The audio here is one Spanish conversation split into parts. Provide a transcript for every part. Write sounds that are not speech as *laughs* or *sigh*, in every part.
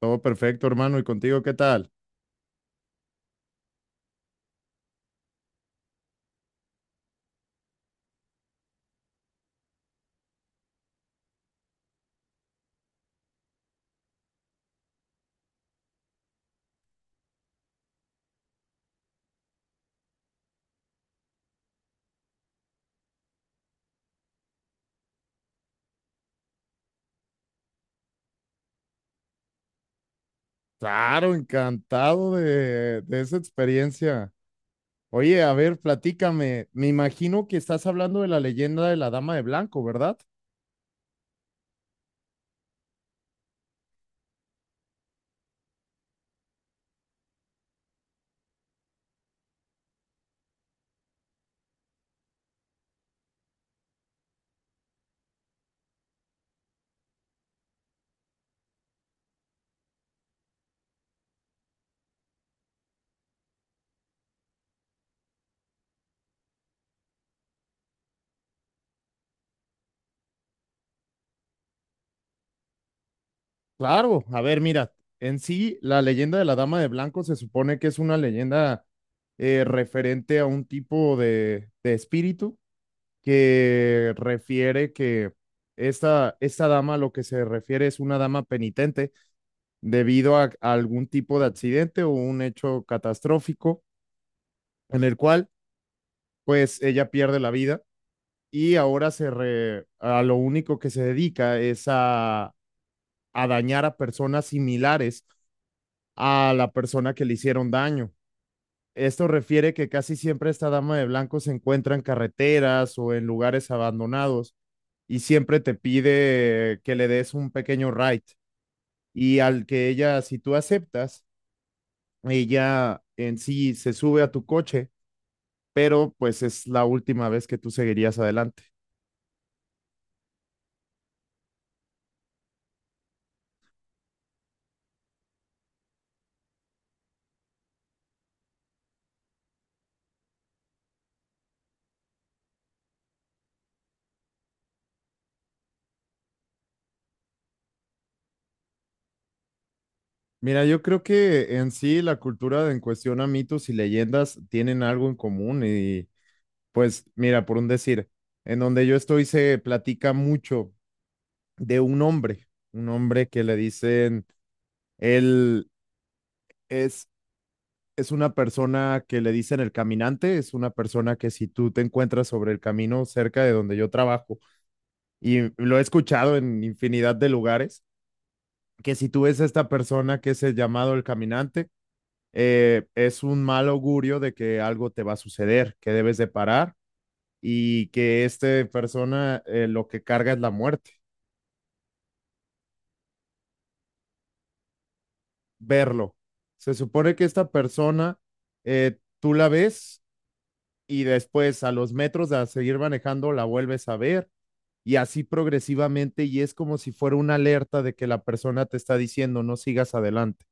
Todo perfecto, hermano. ¿Y contigo qué tal? Claro, encantado de esa experiencia. Oye, a ver, platícame. Me imagino que estás hablando de la leyenda de la Dama de Blanco, ¿verdad? Claro, a ver, mira, en sí, la leyenda de la Dama de Blanco se supone que es una leyenda referente a un tipo de espíritu que refiere que esta dama, lo que se refiere es una dama penitente debido a algún tipo de accidente o un hecho catastrófico en el cual pues ella pierde la vida y ahora a lo único que se dedica es a dañar a personas similares a la persona que le hicieron daño. Esto refiere que casi siempre esta dama de blanco se encuentra en carreteras o en lugares abandonados y siempre te pide que le des un pequeño ride. Y al que ella, si tú aceptas, y ya en sí se sube a tu coche, pero pues es la última vez que tú seguirías adelante. Mira, yo creo que en sí la cultura de en cuestión a mitos y leyendas tienen algo en común y pues mira, por un decir, en donde yo estoy se platica mucho de un hombre que le dicen, él es, es una persona que le dicen el caminante, es una persona que si tú te encuentras sobre el camino cerca de donde yo trabajo y lo he escuchado en infinidad de lugares, que si tú ves a esta persona que es el llamado el caminante, es un mal augurio de que algo te va a suceder, que debes de parar y que esta persona lo que carga es la muerte, verlo. Se supone que esta persona tú la ves y después a los metros de seguir manejando la vuelves a ver y así progresivamente y es como si fuera una alerta de que la persona te está diciendo no sigas adelante.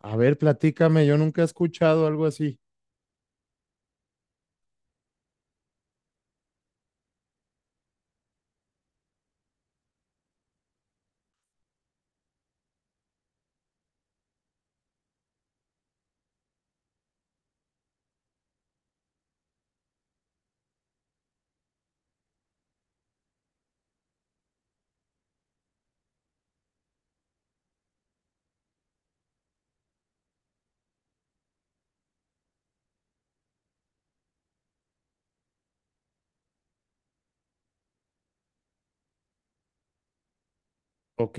A ver, platícame, yo nunca he escuchado algo así. Ok.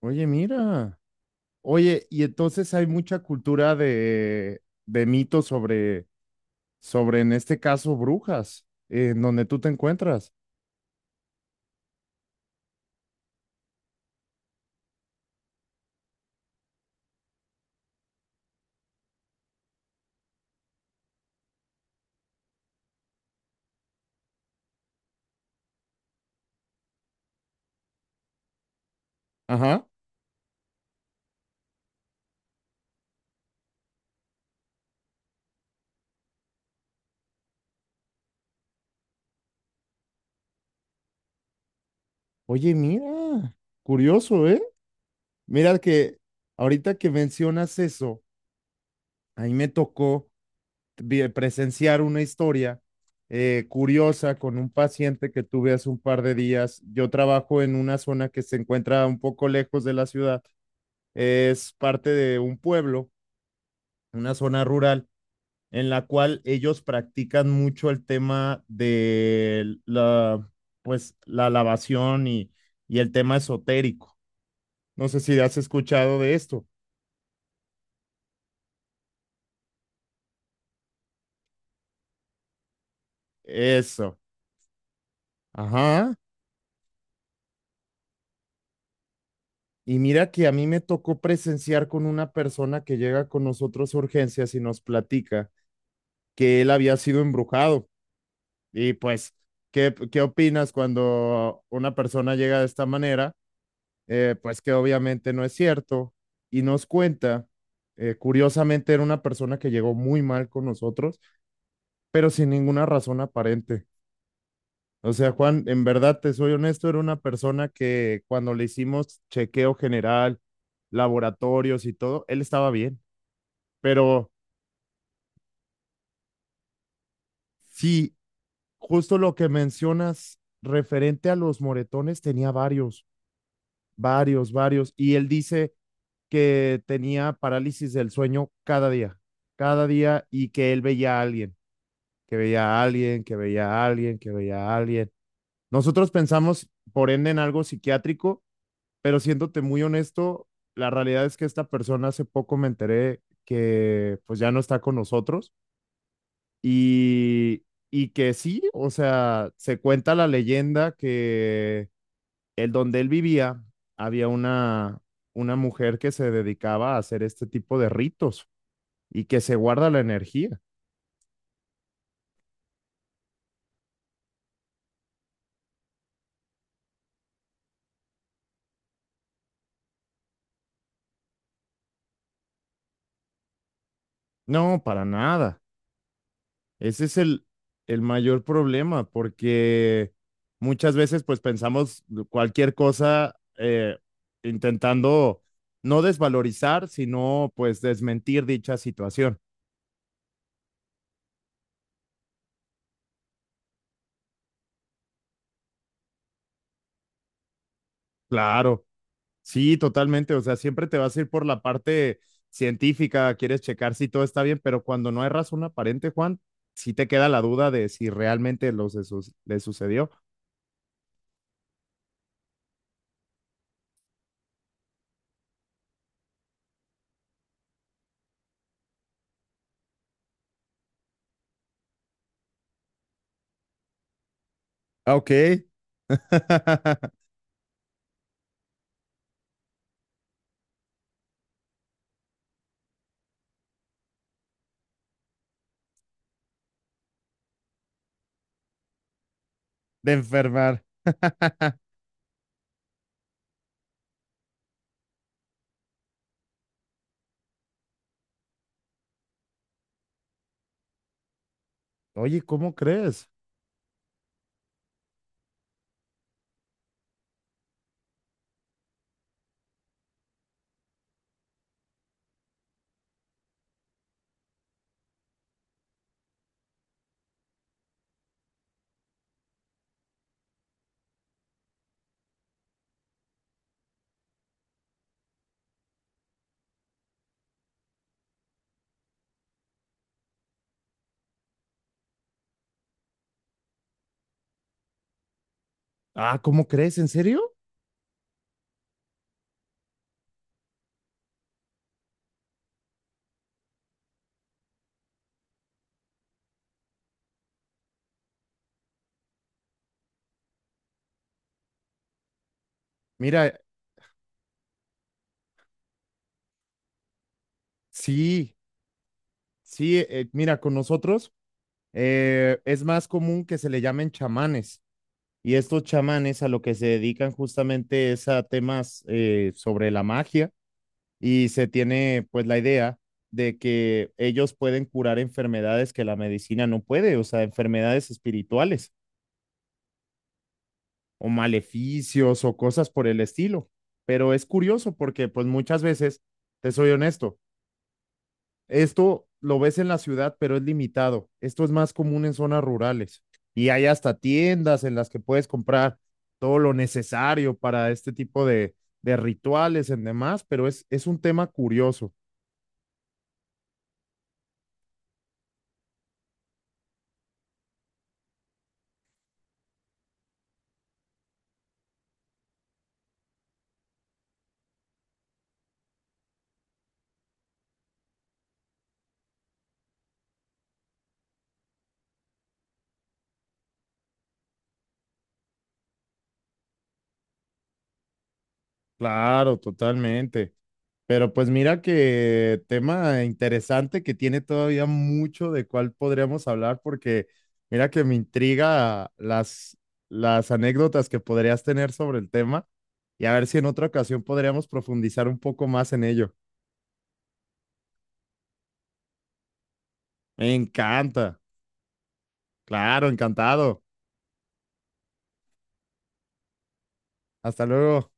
Oye, mira. Oye, y entonces hay mucha cultura de mitos sobre, sobre, en este caso, brujas, en donde tú te encuentras. Ajá. Oye, mira, curioso, ¿eh? Mira que ahorita que mencionas eso, ahí me tocó presenciar una historia curiosa con un paciente que tuve hace un par de días. Yo trabajo en una zona que se encuentra un poco lejos de la ciudad. Es parte de un pueblo, una zona rural, en la cual ellos practican mucho el tema de la, pues, la lavación y el tema esotérico. No sé si has escuchado de esto. Eso. Ajá. Y mira que a mí me tocó presenciar con una persona que llega con nosotros a urgencias y nos platica que él había sido embrujado. Y pues, ¿qué, qué opinas cuando una persona llega de esta manera? Pues que obviamente no es cierto. Y nos cuenta, curiosamente era una persona que llegó muy mal con nosotros, pero sin ninguna razón aparente. O sea, Juan, en verdad te soy honesto, era una persona que cuando le hicimos chequeo general, laboratorios y todo, él estaba bien. Pero sí, justo lo que mencionas referente a los moretones, tenía varios, varios, varios. Y él dice que tenía parálisis del sueño cada día y que él veía a alguien, que veía a alguien, que veía a alguien, que veía a alguien. Nosotros pensamos, por ende, en algo psiquiátrico, pero siéndote muy honesto, la realidad es que esta persona hace poco me enteré que pues ya no está con nosotros. Y, y que sí, o sea, se cuenta la leyenda que el donde él vivía había una mujer que se dedicaba a hacer este tipo de ritos y que se guarda la energía. No, para nada. Ese es el mayor problema porque muchas veces pues pensamos cualquier cosa intentando no desvalorizar, sino pues desmentir dicha situación. Claro. Sí, totalmente. O sea, siempre te vas a ir por la parte científica, quieres checar si todo está bien, pero cuando no hay razón aparente, Juan, sí te queda la duda de si realmente le sucedió. Ah, ok. *laughs* De enfermar. *laughs* Oye, ¿cómo crees? Ah, ¿cómo crees? ¿En serio? Mira, sí, sí, mira, con nosotros es más común que se le llamen chamanes. Y estos chamanes a lo que se dedican justamente es a temas sobre la magia y se tiene pues la idea de que ellos pueden curar enfermedades que la medicina no puede, o sea, enfermedades espirituales o maleficios o cosas por el estilo. Pero es curioso porque pues muchas veces, te soy honesto, esto lo ves en la ciudad, pero es limitado. Esto es más común en zonas rurales y hay hasta tiendas en las que puedes comprar todo lo necesario para este tipo de rituales en demás, pero es un tema curioso. Claro, totalmente. Pero pues mira que tema interesante que tiene todavía mucho de cuál podríamos hablar, porque mira que me intriga las anécdotas que podrías tener sobre el tema y a ver si en otra ocasión podríamos profundizar un poco más en ello. Me encanta. Claro, encantado. Hasta luego.